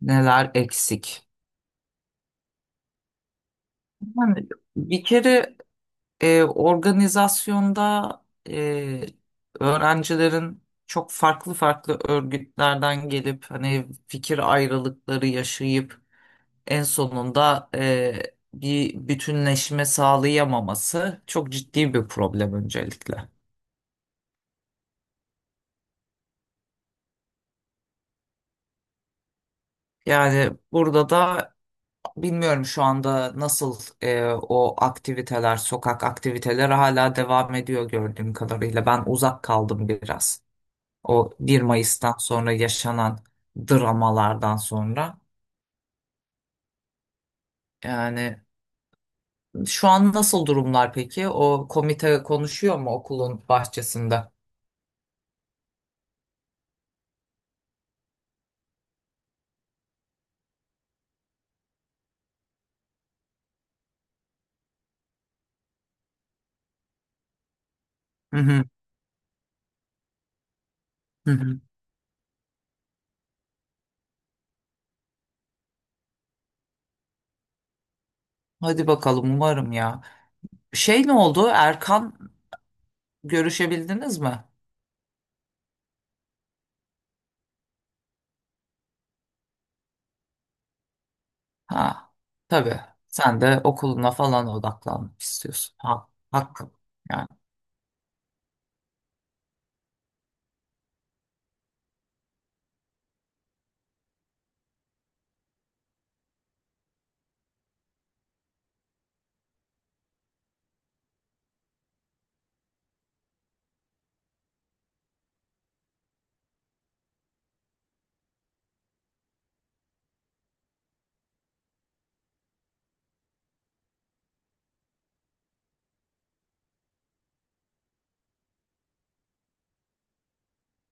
Neler eksik? Yani bir kere organizasyonda e, öğrencilerin çok farklı farklı örgütlerden gelip hani fikir ayrılıkları yaşayıp en sonunda bir bütünleşme sağlayamaması çok ciddi bir problem öncelikle. Yani burada da bilmiyorum şu anda nasıl, o aktiviteler, sokak aktiviteleri hala devam ediyor gördüğüm kadarıyla. Ben uzak kaldım biraz. O 1 Mayıs'tan sonra yaşanan dramalardan sonra. Yani şu an nasıl durumlar peki? O komite konuşuyor mu okulun bahçesinde? Hı hı. Hı hı. Hadi bakalım, umarım ya. Şey ne oldu? Erkan görüşebildiniz mi? Ha, tabii. Sen de okuluna falan odaklanmak istiyorsun. Ha, hakkım. Yani.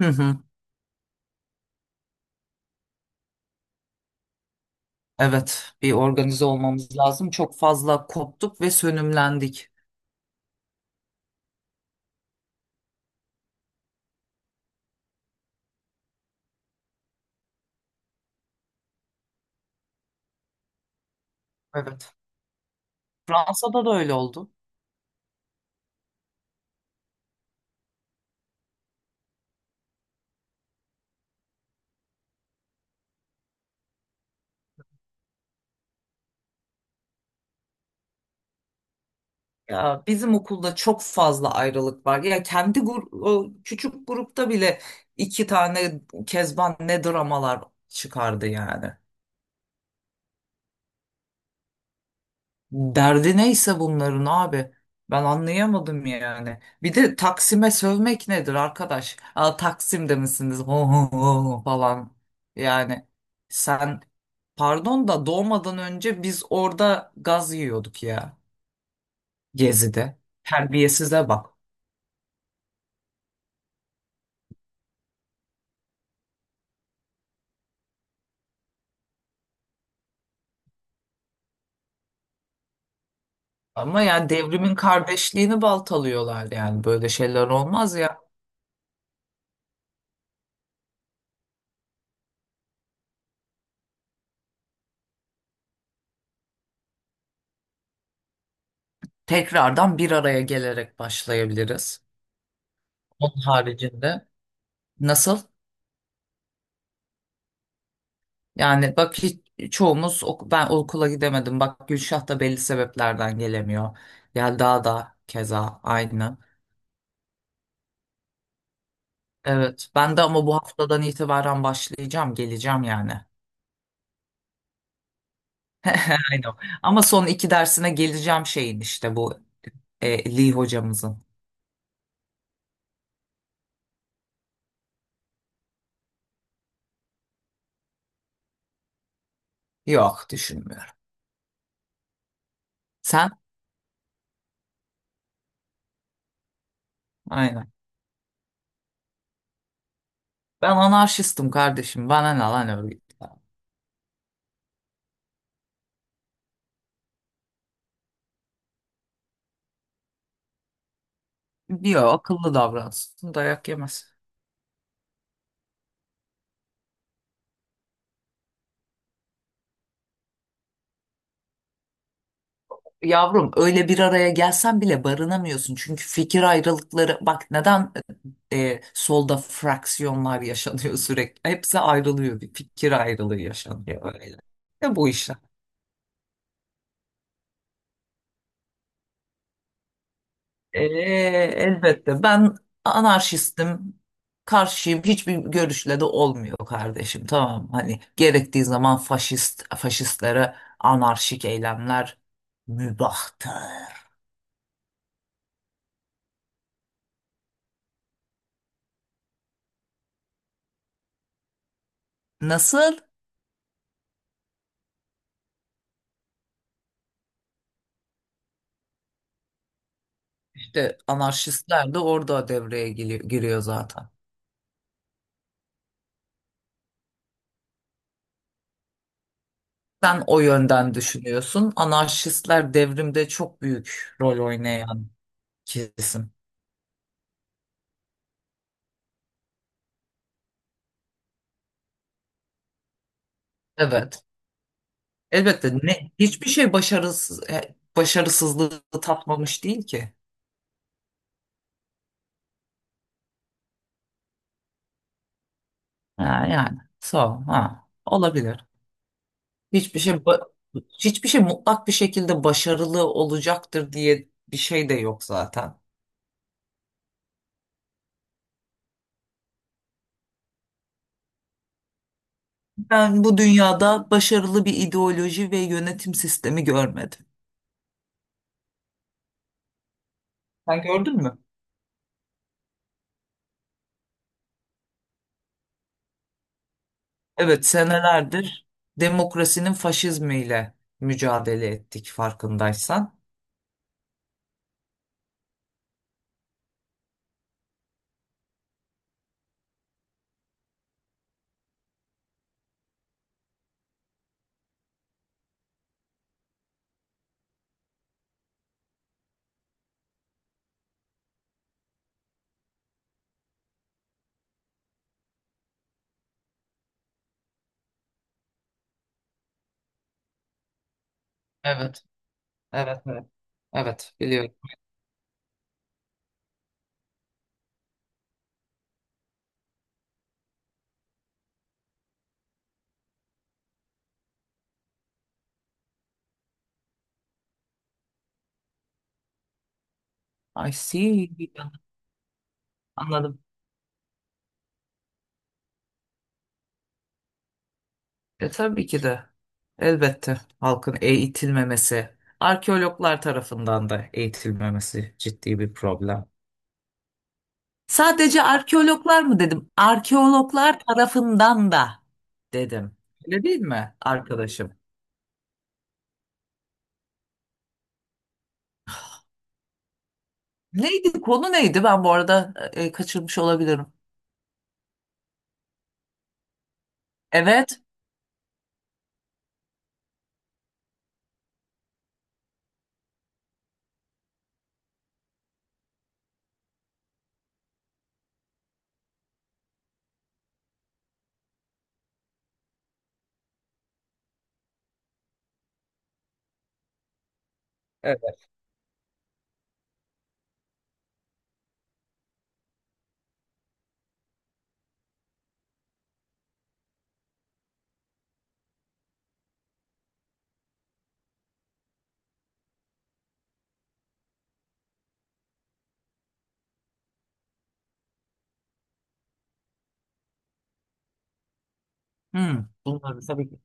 Hı hı. Evet, bir organize olmamız lazım. Çok fazla koptuk ve sönümlendik. Evet. Fransa'da da öyle oldu. Ya bizim okulda çok fazla ayrılık var. Ya kendi o küçük grupta bile iki tane Kezban ne dramalar çıkardı yani. Derdi neyse bunların abi. Ben anlayamadım yani. Bir de Taksim'e sövmek nedir arkadaş? Aa, Taksim'de misiniz? Ho, ho, ho falan. Yani sen, pardon da, doğmadan önce biz orada gaz yiyorduk ya. Gezi'de. Terbiyesize bak. Ama yani devrimin kardeşliğini baltalıyorlar yani. Böyle şeyler olmaz ya. Tekrardan bir araya gelerek başlayabiliriz. Onun haricinde. Nasıl? Yani bak, hiç, çoğumuz ben okula gidemedim. Bak Gülşah da belli sebeplerden gelemiyor. Yelda da keza aynı. Evet, ben de, ama bu haftadan itibaren başlayacağım, geleceğim yani. Aynen. Ama son iki dersine geleceğim şeyin, işte bu Lee hocamızın. Yok, düşünmüyorum. Sen? Aynen. Ben anarşistim kardeşim. Bana ne lan öyle. Diyor, akıllı davransın dayak yemez. Yavrum öyle bir araya gelsen bile barınamıyorsun. Çünkü fikir ayrılıkları, bak neden solda fraksiyonlar yaşanıyor sürekli. Hepsi ayrılıyor, bir fikir ayrılığı yaşanıyor öyle. Ne bu işler? Elbette ben anarşistim. Karşıyım, hiçbir görüşle de olmuyor kardeşim, tamam, hani gerektiği zaman faşist faşistlere anarşik eylemler mübahtır. Nasıl? İşte anarşistler de orada devreye giriyor, giriyor zaten. Sen o yönden düşünüyorsun. Anarşistler devrimde çok büyük rol oynayan kesim. Evet. Elbette ne hiçbir şey başarısız, başarısızlığı tatmamış değil ki. Ha, yani. So, ha, olabilir. Hiçbir şey ba- Hiçbir şey mutlak bir şekilde başarılı olacaktır diye bir şey de yok zaten. Ben bu dünyada başarılı bir ideoloji ve yönetim sistemi görmedim. Sen gördün mü? Evet, senelerdir demokrasinin faşizmiyle mücadele ettik, farkındaysan. Evet, evet, evet. Evet, biliyorum. I see. Anladım. E, tabii ki de. Elbette halkın eğitilmemesi, arkeologlar tarafından da eğitilmemesi ciddi bir problem. Sadece arkeologlar mı dedim? Arkeologlar tarafından da dedim. Öyle değil mi arkadaşım? Neydi konu, neydi? Ben bu arada kaçırmış olabilirim. Evet. Evet. Hmm, bunları tabii ki.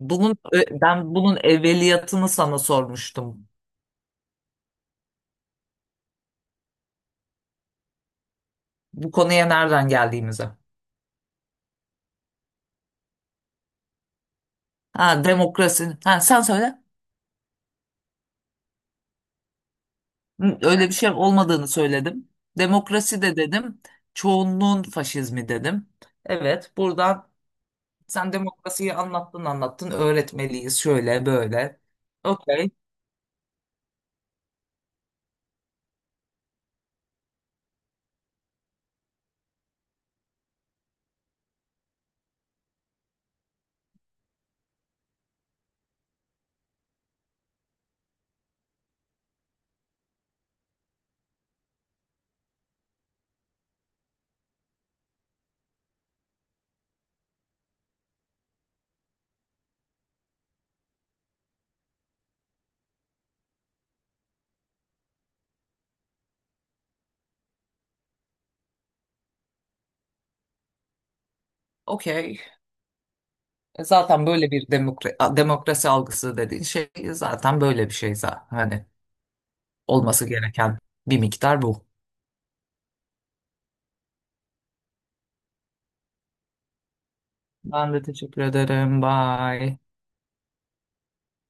Bunun ben bunun evveliyatını sana sormuştum. Bu konuya nereden geldiğimize. Ha, demokrasi. Ha, sen söyle. Hı, öyle bir şey olmadığını söyledim. Demokrasi de dedim. Çoğunluğun faşizmi dedim. Evet, buradan sen demokrasiyi anlattın anlattın. Öğretmeliyiz şöyle böyle. Okey. Okey. E, zaten böyle bir demokrasi algısı dediğin şey zaten böyle bir şey zaten. Hani olması gereken bir miktar bu. Ben de teşekkür ederim. Bye.